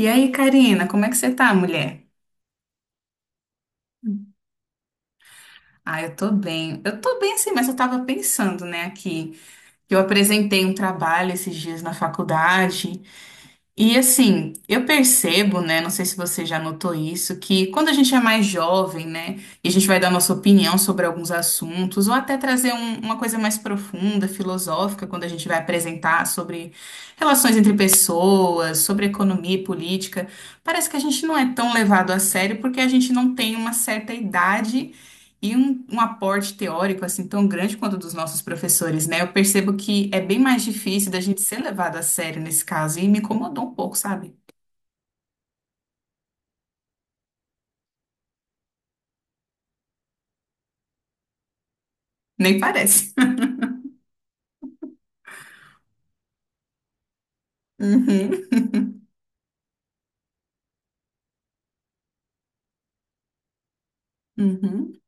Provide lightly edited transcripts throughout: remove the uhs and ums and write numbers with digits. E aí, Karina, como é que você tá, mulher? Ah, eu tô bem. Eu tô bem sim, mas eu tava pensando, né, aqui, que eu apresentei um trabalho esses dias na faculdade. E assim, eu percebo, né? Não sei se você já notou isso, que quando a gente é mais jovem, né, e a gente vai dar nossa opinião sobre alguns assuntos, ou até trazer uma coisa mais profunda, filosófica, quando a gente vai apresentar sobre relações entre pessoas, sobre economia e política, parece que a gente não é tão levado a sério porque a gente não tem uma certa idade e um aporte teórico assim tão grande quanto o dos nossos professores, né? Eu percebo que é bem mais difícil da gente ser levado a sério nesse caso e me incomodou um pouco, sabe? Nem parece. Uhum, uhum,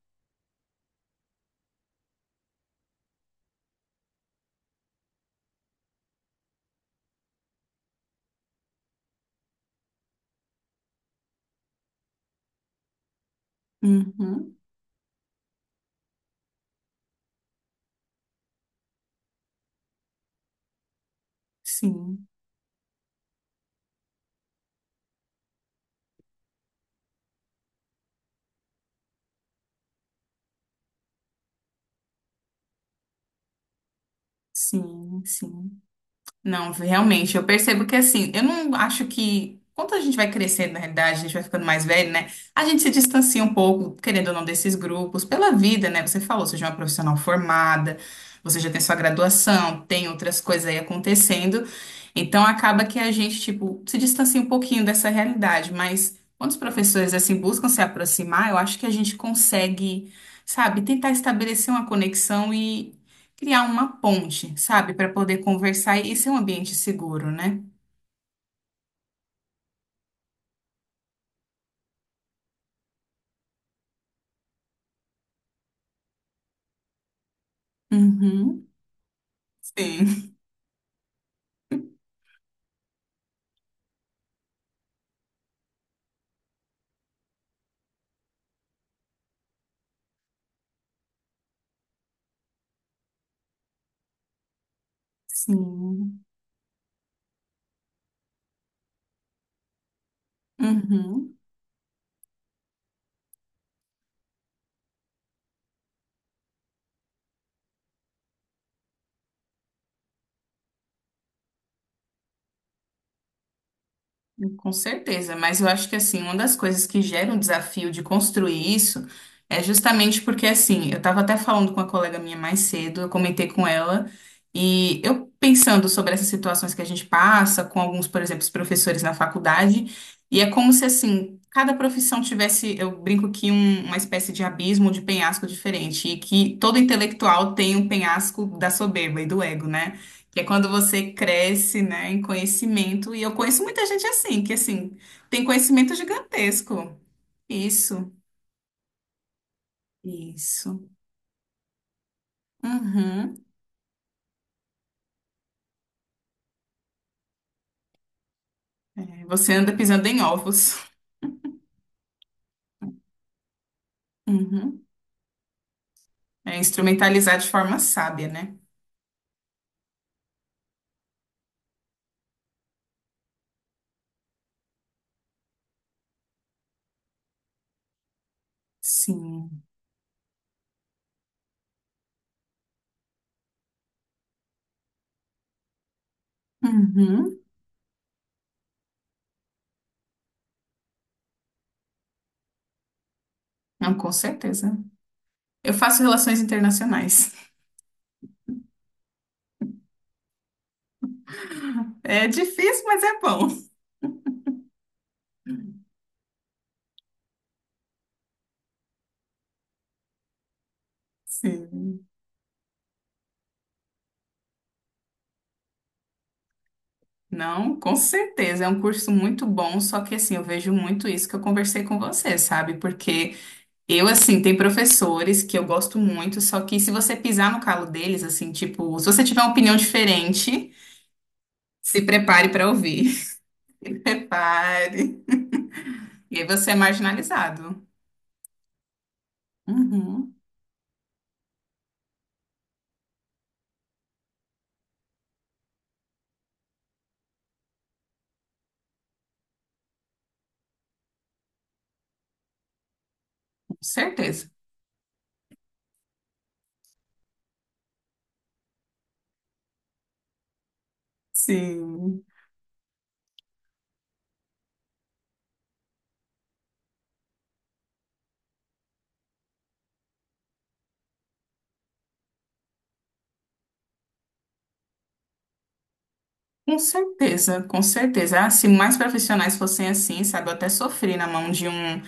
uhum. Sim, sim, sim. Não, realmente, eu percebo que assim, eu não acho que. Quando a gente vai crescendo, na realidade, a gente vai ficando mais velho, né? A gente se distancia um pouco, querendo ou não, desses grupos, pela vida, né? Você falou, você já é uma profissional formada, você já tem sua graduação, tem outras coisas aí acontecendo. Então, acaba que a gente, tipo, se distancia um pouquinho dessa realidade. Mas quando os professores, assim, buscam se aproximar, eu acho que a gente consegue, sabe, tentar estabelecer uma conexão, criar uma ponte, sabe, para poder conversar e ser um ambiente seguro, né? Uhum. Sim. Sim. Uhum. Com certeza, mas eu acho que assim, uma das coisas que gera um desafio de construir isso é justamente porque assim, eu estava até falando com uma colega minha mais cedo, eu comentei com ela, e eu pensando sobre essas situações que a gente passa, com alguns, por exemplo, os professores na faculdade, e é como se assim, cada profissão tivesse, eu brinco que uma espécie de abismo, de penhasco diferente, e que todo intelectual tem um penhasco da soberba e do ego, né? Que é quando você cresce, né, em conhecimento. E eu conheço muita gente assim, que assim, tem conhecimento gigantesco. Isso, isso. Uhum. É, você anda pisando em ovos. Uhum. É instrumentalizar de forma sábia, né? Sim. Uhum. Não, com certeza. Eu faço relações internacionais. É difícil, mas é bom. Sim. Não, com certeza. É um curso muito bom, só que assim, eu vejo muito isso que eu conversei com você, sabe? Porque eu, assim, tem professores que eu gosto muito, só que se você pisar no calo deles, assim, tipo, se você tiver uma opinião diferente, se prepare para ouvir. Se prepare. E aí você é marginalizado. Uhum, com certeza. Sim. Com certeza, com certeza. Ah, se mais profissionais fossem assim, sabe, eu até sofri na mão de um.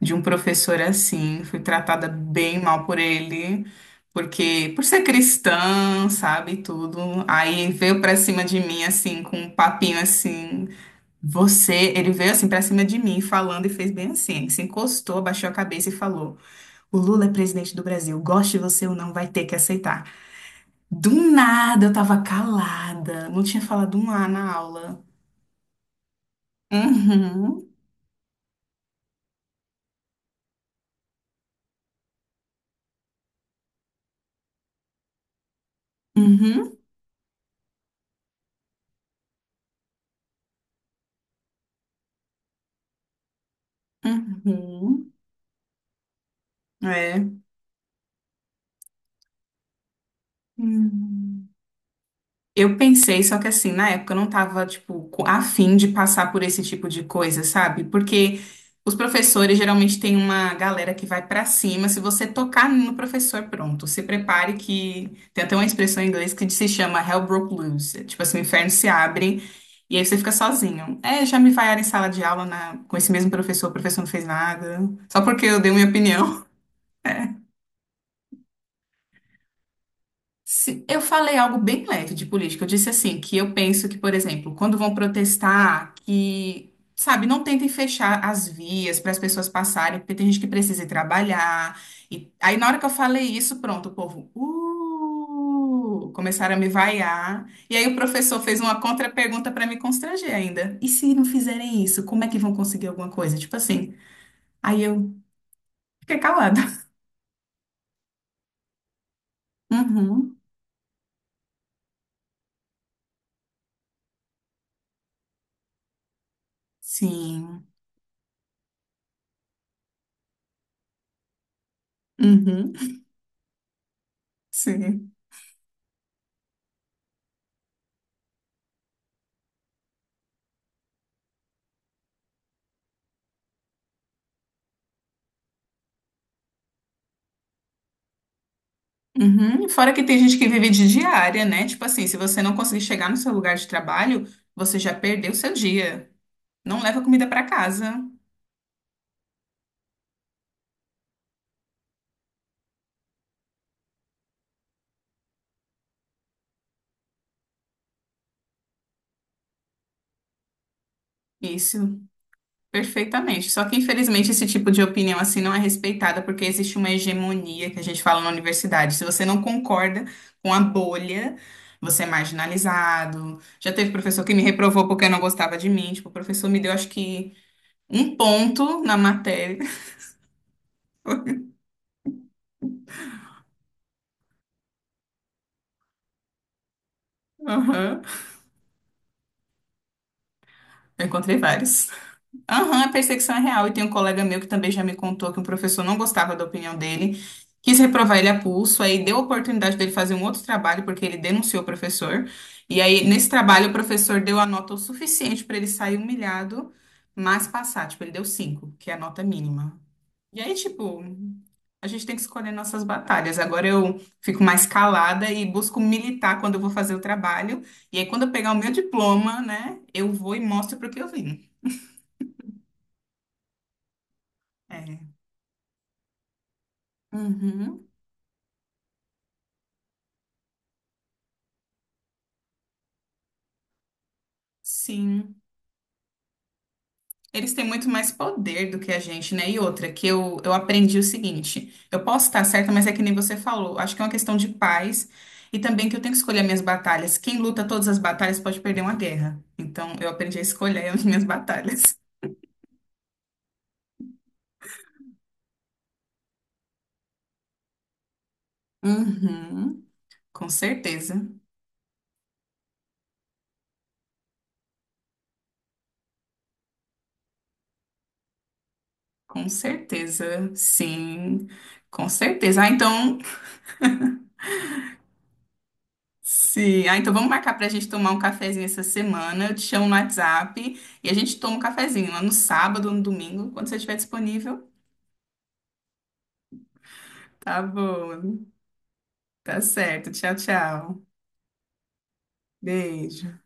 De um professor assim, fui tratada bem mal por ele, porque por ser cristã, sabe, e tudo. Aí veio pra cima de mim assim com um papinho assim, você, ele veio assim pra cima de mim falando e fez bem assim, se encostou, abaixou a cabeça e falou: "O Lula é presidente do Brasil, goste você ou não, vai ter que aceitar". Do nada eu tava calada, não tinha falado um A na aula. Uhum. Uhum. Uhum. É. Hum. Eu pensei, só que assim, na época eu não tava, tipo, a fim de passar por esse tipo de coisa, sabe? Porque os professores geralmente têm uma galera que vai pra cima. Se você tocar no professor, pronto, se prepare que. Tem até uma expressão em inglês que se chama Hell Broke Loose. É tipo assim, o inferno se abre e aí você fica sozinho. É, já me vaiaram em sala de aula na... com esse mesmo professor, o professor não fez nada. Só porque eu dei minha opinião. Eu falei algo bem leve de política. Eu disse assim, que eu penso que, por exemplo, quando vão protestar, que, sabe, não tentem fechar as vias para as pessoas passarem, porque tem gente que precisa ir trabalhar. E aí, na hora que eu falei isso, pronto, o povo, começaram a me vaiar. E aí o professor fez uma contra-pergunta para me constranger ainda. E se não fizerem isso, como é que vão conseguir alguma coisa? Tipo assim. Aí eu fiquei calada. Uhum. Sim. Uhum. Sim. Uhum. Fora que tem gente que vive de diária, né? Tipo assim, se você não conseguir chegar no seu lugar de trabalho, você já perdeu seu dia. Não leva comida para casa. Isso, perfeitamente. Só que, infelizmente, esse tipo de opinião assim não é respeitada porque existe uma hegemonia que a gente fala na universidade. Se você não concorda com a bolha, você é marginalizado. Já teve professor que me reprovou porque não gostava de mim. Tipo, o professor me deu, acho que, um ponto na matéria. Aham. Eu encontrei vários. Aham, a perseguição é real. E tem um colega meu que também já me contou que um professor não gostava da opinião dele, quis reprovar ele a pulso, aí deu a oportunidade dele fazer um outro trabalho, porque ele denunciou o professor. E aí, nesse trabalho, o professor deu a nota o suficiente para ele sair humilhado, mas passar. Tipo, ele deu cinco, que é a nota mínima. E aí, tipo, a gente tem que escolher nossas batalhas. Agora eu fico mais calada e busco militar quando eu vou fazer o trabalho. E aí, quando eu pegar o meu diploma, né, eu vou e mostro para o que eu vim. É. Uhum. Sim, eles têm muito mais poder do que a gente, né? E outra, que eu aprendi o seguinte: eu posso estar certa, mas é que nem você falou, acho que é uma questão de paz e também que eu tenho que escolher minhas batalhas. Quem luta todas as batalhas pode perder uma guerra. Então, eu aprendi a escolher as minhas batalhas. Uhum, com certeza, com certeza, sim, com certeza. Ah, então. Sim, ah, então vamos marcar para a gente tomar um cafezinho essa semana. Eu te chamo no WhatsApp e a gente toma um cafezinho lá no sábado ou no domingo, quando você estiver disponível. Tá bom, tá certo. Tchau, tchau. Beijo.